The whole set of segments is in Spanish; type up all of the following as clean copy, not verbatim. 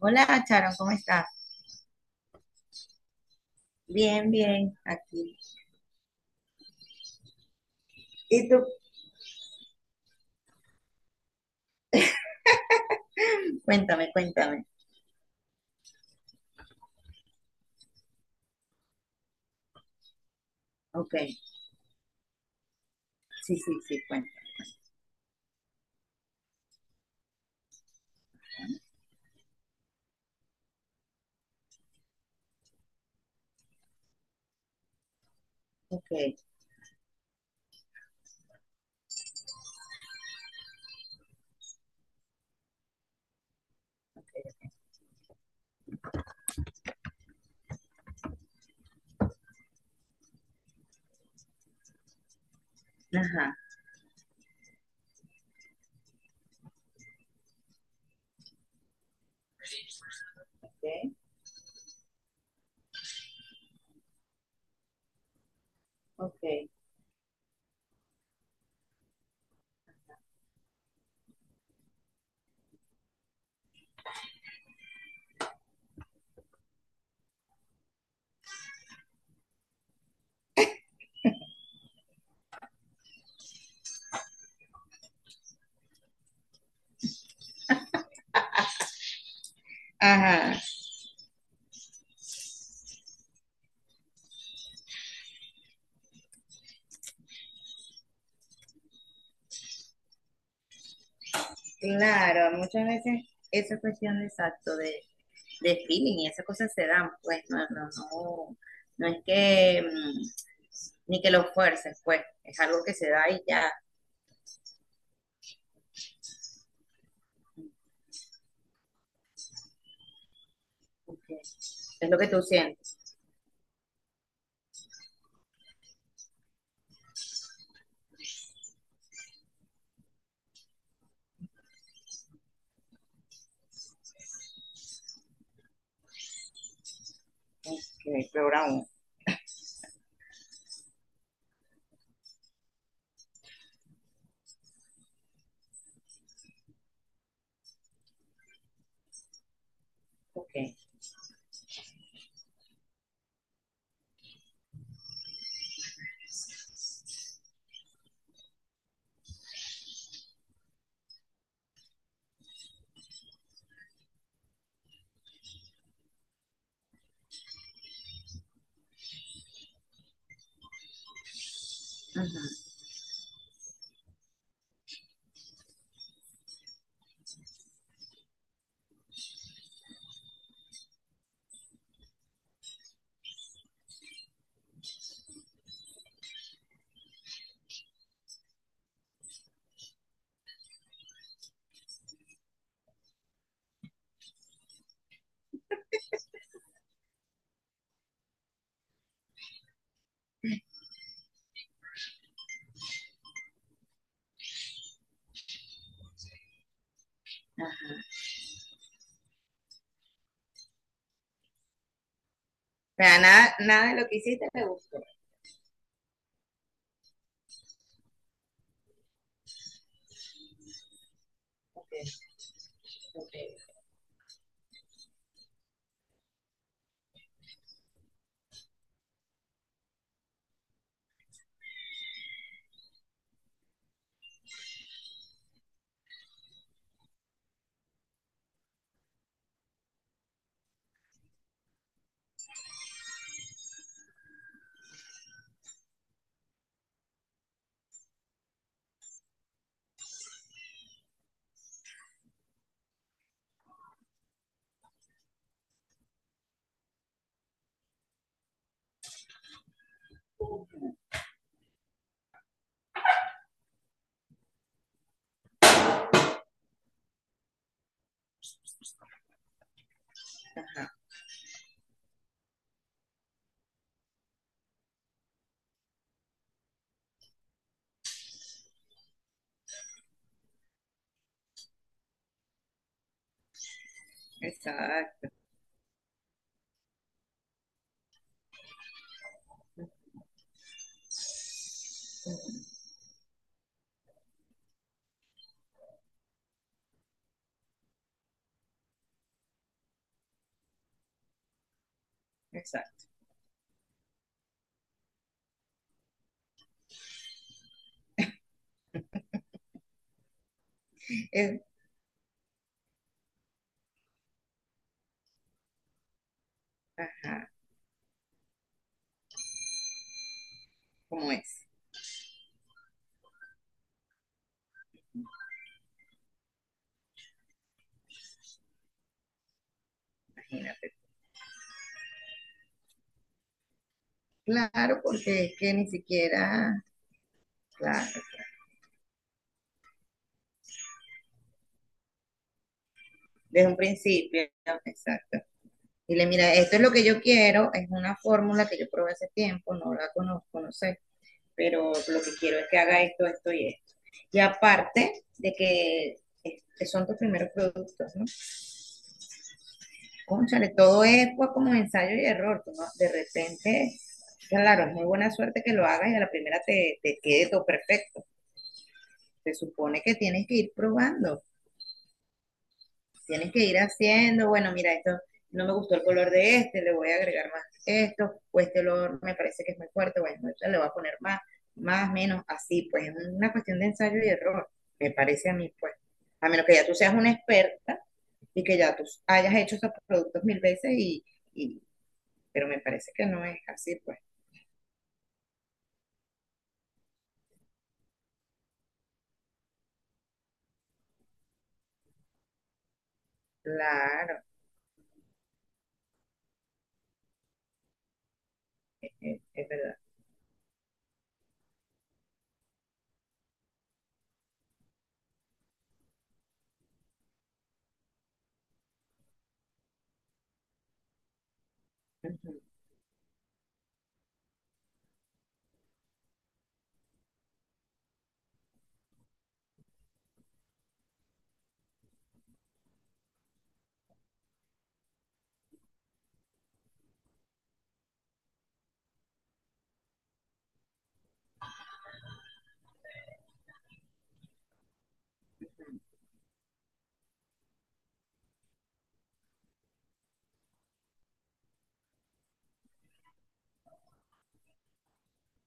Hola, Charon, ¿cómo estás? Bien, bien, aquí. ¿Y tú? Cuéntame, cuéntame. Ok, sí, sí, sí, cuéntame. Ok, ok. Ajá, ok, ok. Ajá, claro, muchas veces esa cuestión de exacto de feeling y esas cosas se dan, pues no, no, no, no es que ni que lo fuerces, pues es algo que se da y ya, ok. Es lo que tú sientes, que es peor aún. Ok, ajá, ajá. O sea, nada, nada de lo que hiciste te gustó. Ok, ok. Ajá, exacto. Exacto. Es- ajá, como es, imagínate. Claro, porque es que ni siquiera, claro, desde un principio, exacto. Y le mira, esto es lo que yo quiero, es una fórmula que yo probé hace tiempo, no la conozco, no sé, pero lo que quiero es que haga esto, esto y esto. Y aparte de que son tus primeros productos, ¿no? Cónchale, todo es, pues, como ensayo y error. Tú no- De repente, claro, es muy buena suerte que lo hagas y a la primera te, te quede todo perfecto. Se supone que tienes que ir probando, tienes que ir haciendo. Bueno, mira, esto no me gustó el color de este, le voy a agregar más esto, o este olor me parece que es muy fuerte, bueno, ya le voy a poner más, más, menos, así; pues es una cuestión de ensayo y error, me parece a mí, pues. A menos que ya tú seas una experta y que ya tú hayas hecho esos productos mil veces, y pero me parece que no es así, pues. Claro, es verdad. Ujú,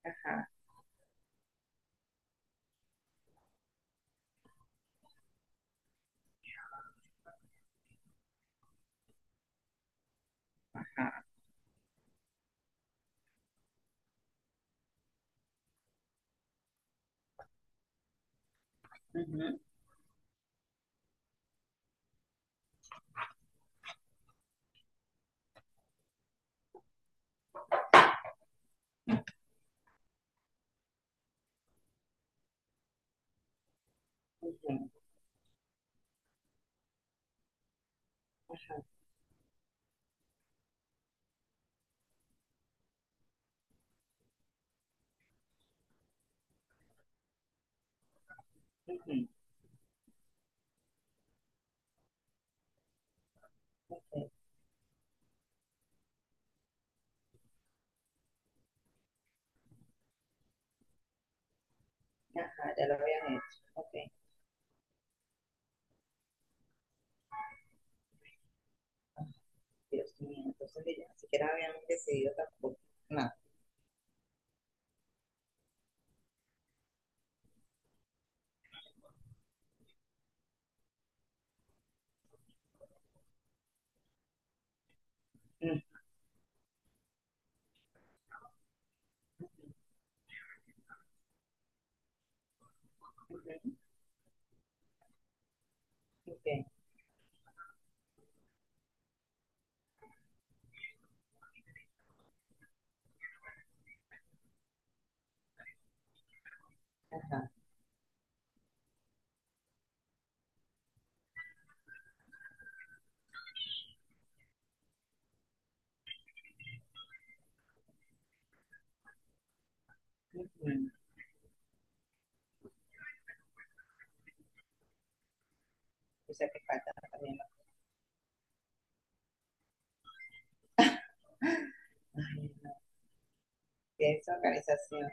ajá, ajá, ujú, ujú, ujú, ajá, ya lo habían hecho. Ok. Ah, Dios mío, entonces ni siquiera habíamos decidido tampoco. Nada. Mm, ujú, ok, ajá, ujú. O sea que falta también. Ay, qué organización.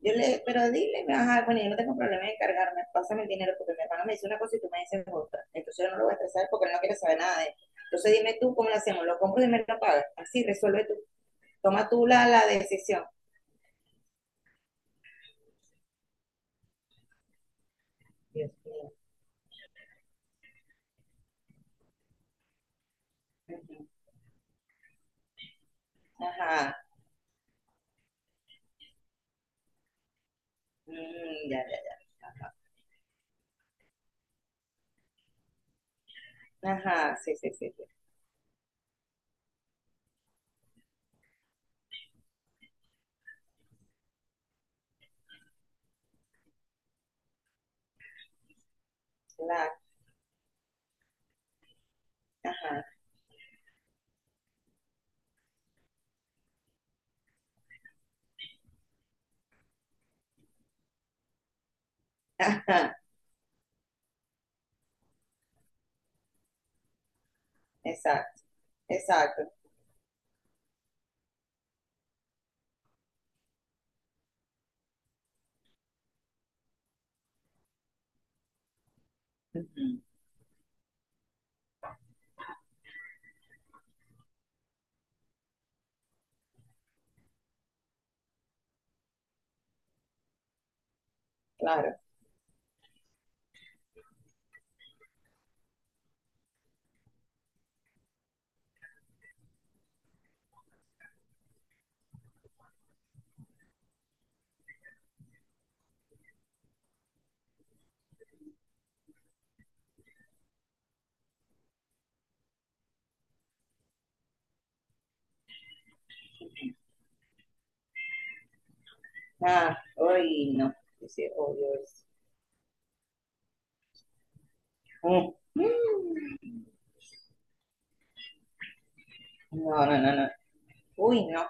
Pero dile, ajá, bueno, yo no tengo problema en encargarme, pásame el dinero, porque mi hermano me dice una cosa y tú me dices otra. Entonces yo no lo voy a estresar, porque él no quiere saber nada de él. Entonces dime tú cómo lo hacemos, lo compro y me lo pagas. Así resuelve tú, toma tú la decisión. Dios mío. Ujú. Ajá, mm, ya, ya, ya. Ajá, ajá, sí, sí, sí, sí. La, ajá, ajá, exacto, exacto. Ujú, claro. Ah, uy, no. Dice, oh, Dios. Mm, mm. No, no, no, no. Uy, no.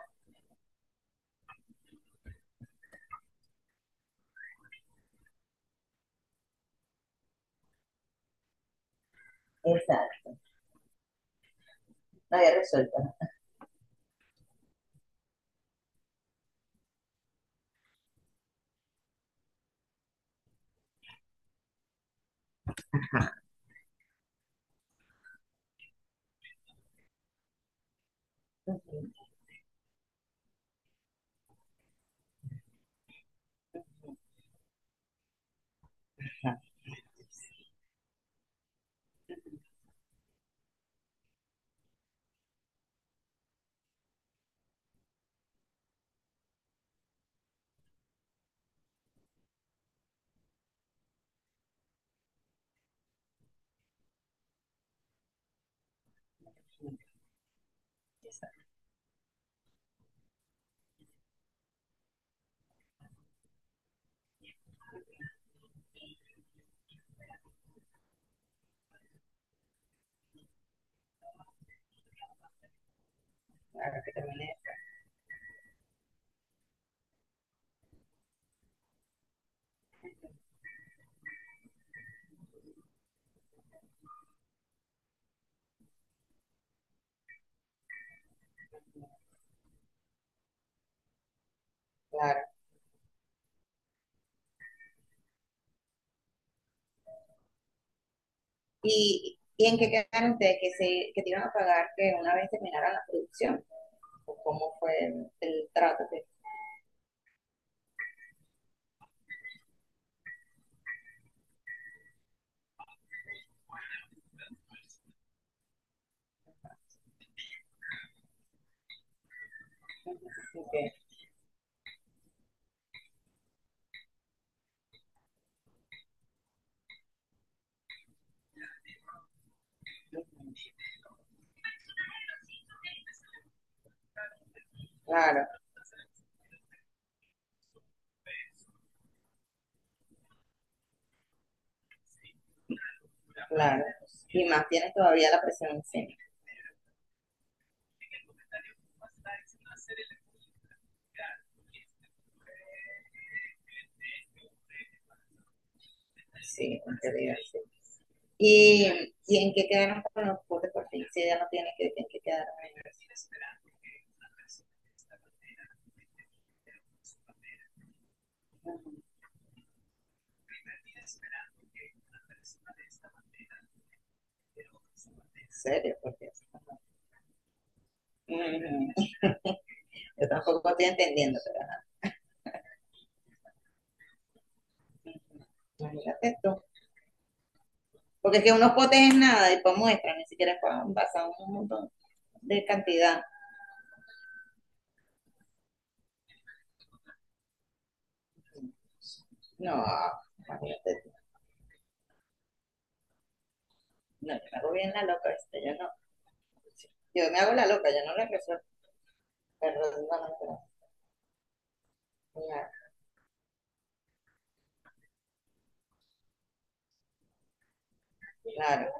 Exacto, no había resuelto, ¿no? Ujú. Claro, exacto, ahora que termine, claro. ¿Y en qué quedaron ustedes? ¿Que te iban a pagar que una vez terminara la producción? ¿O cómo fue el trato? Que, ok, claro, claro. Y más tienes todavía la presión encima. Sí, en realidad, sí. ¿Y en qué quedaron con los botes por fin? Si ya no tienes que, en qué quedaron. Ujú. ¿En serio? Porque yo tampoco estoy entendiendo, pero imagínate tú. Porque es que unos potes es nada y para muestra, ni siquiera es para envasar un montón de cantidad. No, imagínate tú. No, yo me hago bien la loca, ¿viste? Yo no. Yo me hago la loca, yo no la resuelvo. Pero no, no, claro, claro,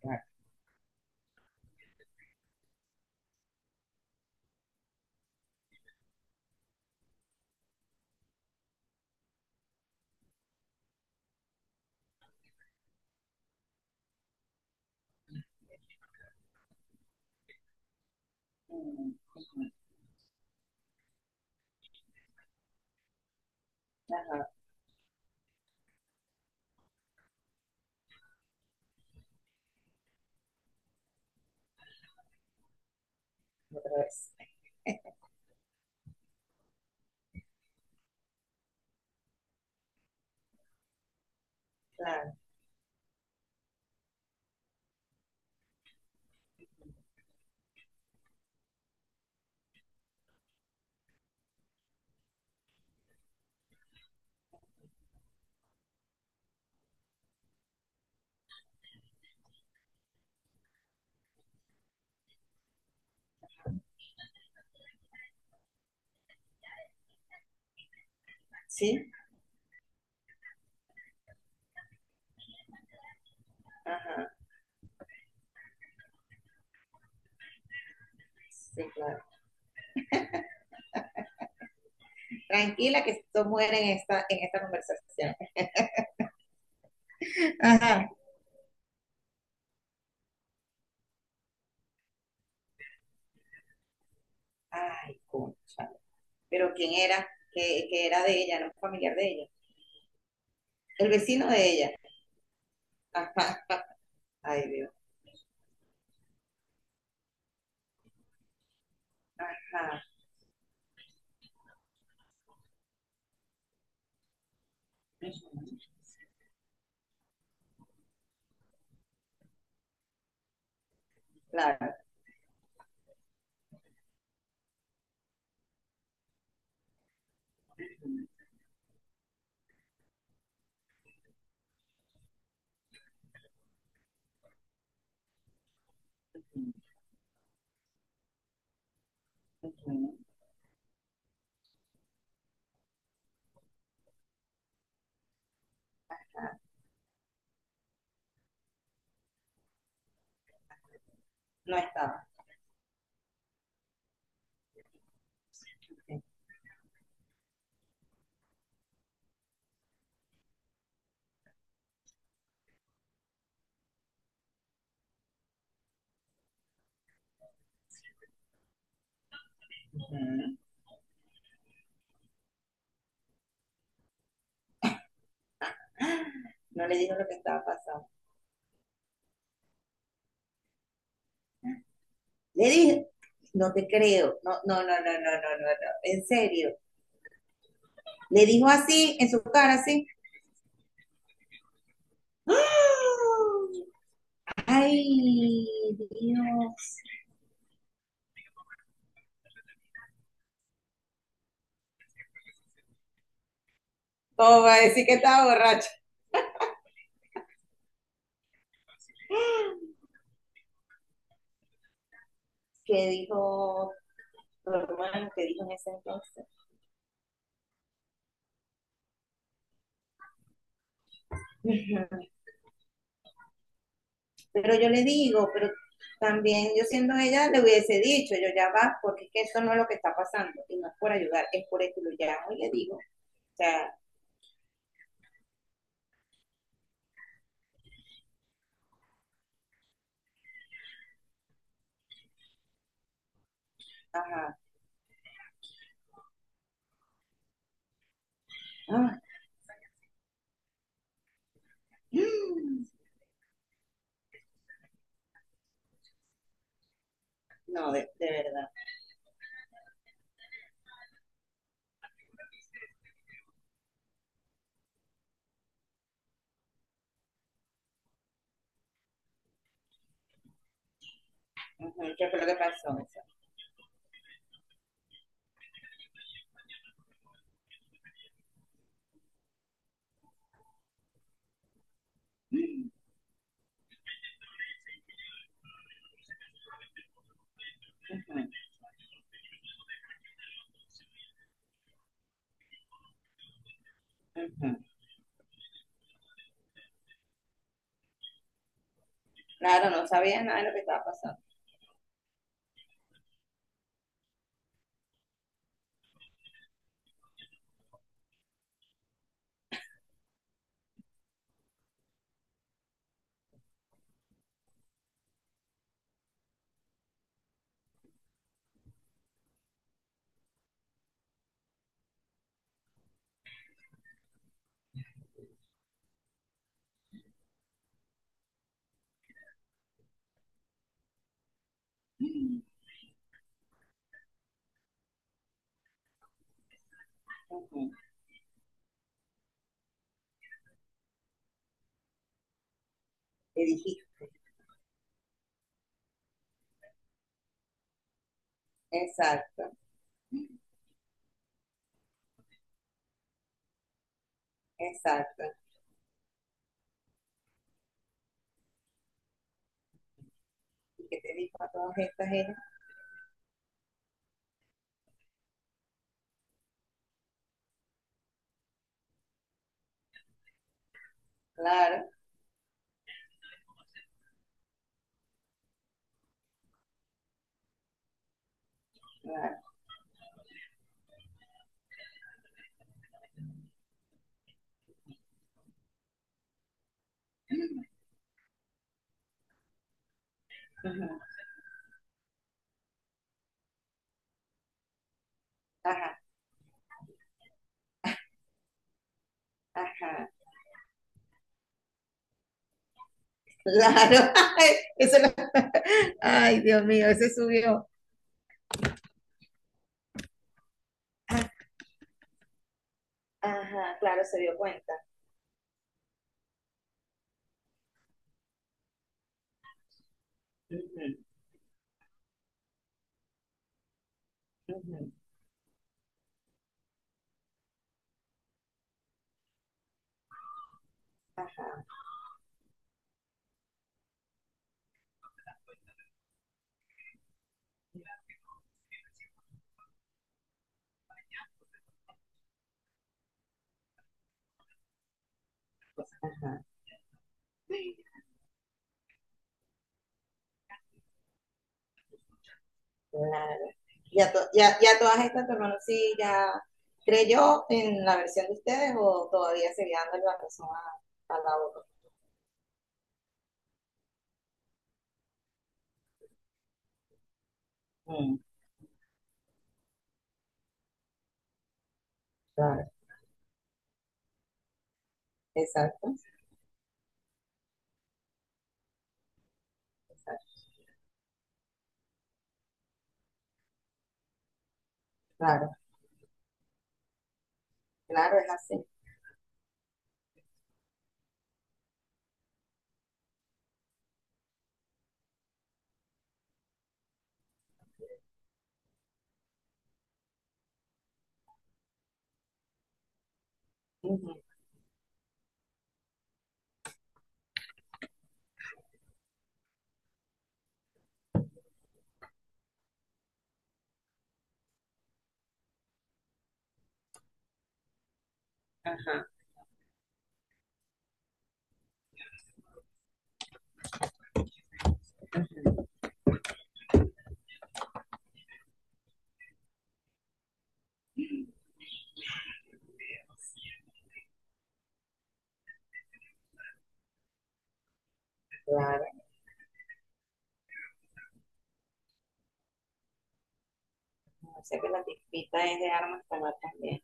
claro. Mm, ajá, otra vez. Claro, sí, ajá, sí, claro. Tranquila, que esto muere en esta conversación. Ajá. Ay, concha. Pero ¿quién era? Que era de ella, no un familiar de ella. El vecino de ella. Ajá. Ay, Dios. Ajá. Claro. Bueno, no estaba. No le dijo lo que estaba pasando. Le dije, no te creo. No, no, no, no, no, no, no, no. En serio. Le dijo así, en su cara, así. ¡Ah! Ay, Dios. ¿Cómo va a decir que estaba borracho? Que dijo, normal, que dijo en ese entonces. Pero yo le digo, pero también yo, siendo ella, le hubiese dicho, yo, ya va, porque es que eso no es lo que está pasando, y no es por ayudar, es por esto, y lo llamo y le digo, o sea, ajá, ah, mm, no, de verdad. Ujú, ¿qué fue lo que pasó? O sea, mm, ujú, ujú. Claro, no sabía nada de lo que estaba pasando. Ujú, le dijiste, exacto. Exacto. Y que te dijo a todas estas ella, claro, claro, ujú, ajá, ajá, claro. Ay, ay, Dios mío, ese subió. Ah, ajá, claro, se dio cuenta. Ujú, ujú, ajá, pues, ajá, claro. Ya, todas estas, tu hermano, sí, ya creyó en la versión de ustedes o todavía seguía dando la razón a la otra. Mm, claro, exacto, exacto, claro, claro, es así. Ajá. Claro, o sea que la tispita es de armas tomar también.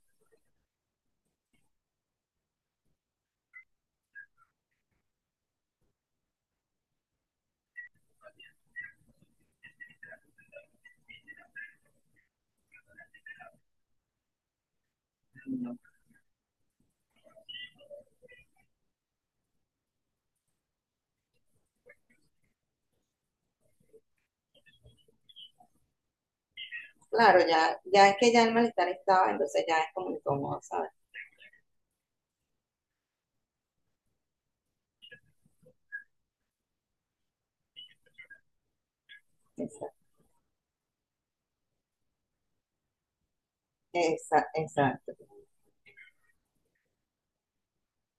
Claro, ya, ya es que ya el malestar estaba, entonces ya es como incómodo, ¿sabes? Exacto, exacto.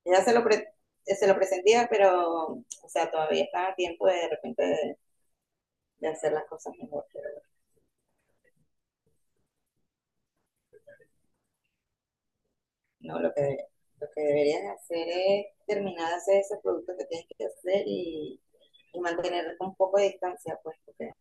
Ella se lo presentía, pero, o sea, todavía estaba a tiempo de repente, de hacer las cosas mejor, pero no. Lo que deberías hacer es terminar de hacer esos productos que tienes que hacer y mantener un poco de distancia, pues, porque...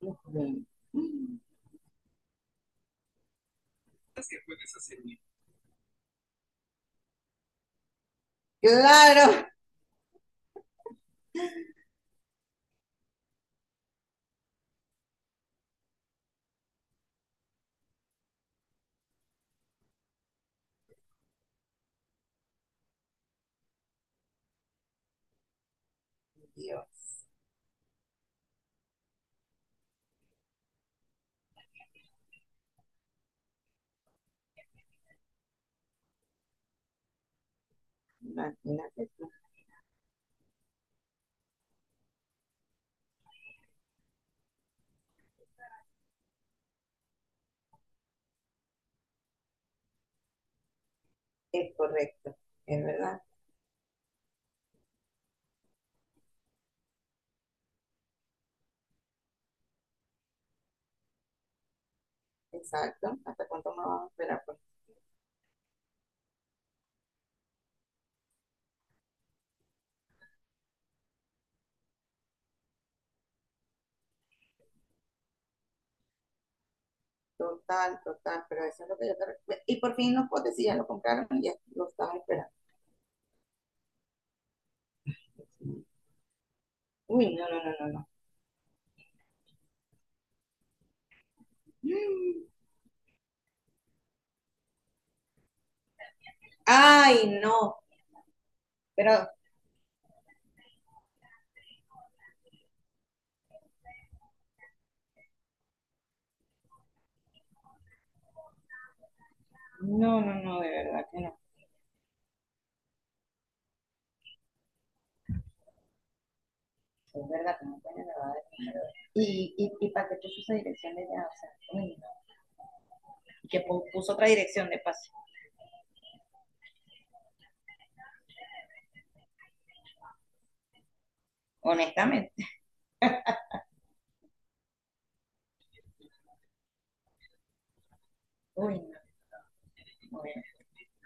Ujú. Claro, Dios. Imagínate tú. Es correcto, es verdad, exacto. ¿Hasta cuánto más vamos a esperar? Pues, total, total, pero eso es lo que yo te recuerdo. Y por fin los potes, sí, ya lo compraron y ya lo estaban esperando. Uy, no, no, no, no, no. Mm. Ay, no, pero no, no, no, de verdad que no. Es verdad que no tiene nada de número. Y para qué puso esa dirección de ya? O sea, uy, no. Y que puso otra dirección de paso, honestamente. Uy, no, no.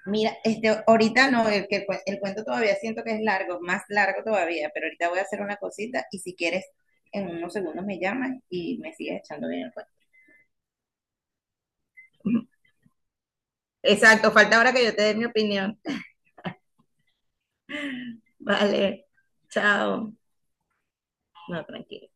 Mira, ahorita no, el cuento todavía siento que es largo, más largo todavía, pero ahorita voy a hacer una cosita y, si quieres, en unos segundos me llamas y me sigues echando bien el cuento. Exacto, falta ahora que yo te dé mi opinión. Vale, chao. No, tranquilo.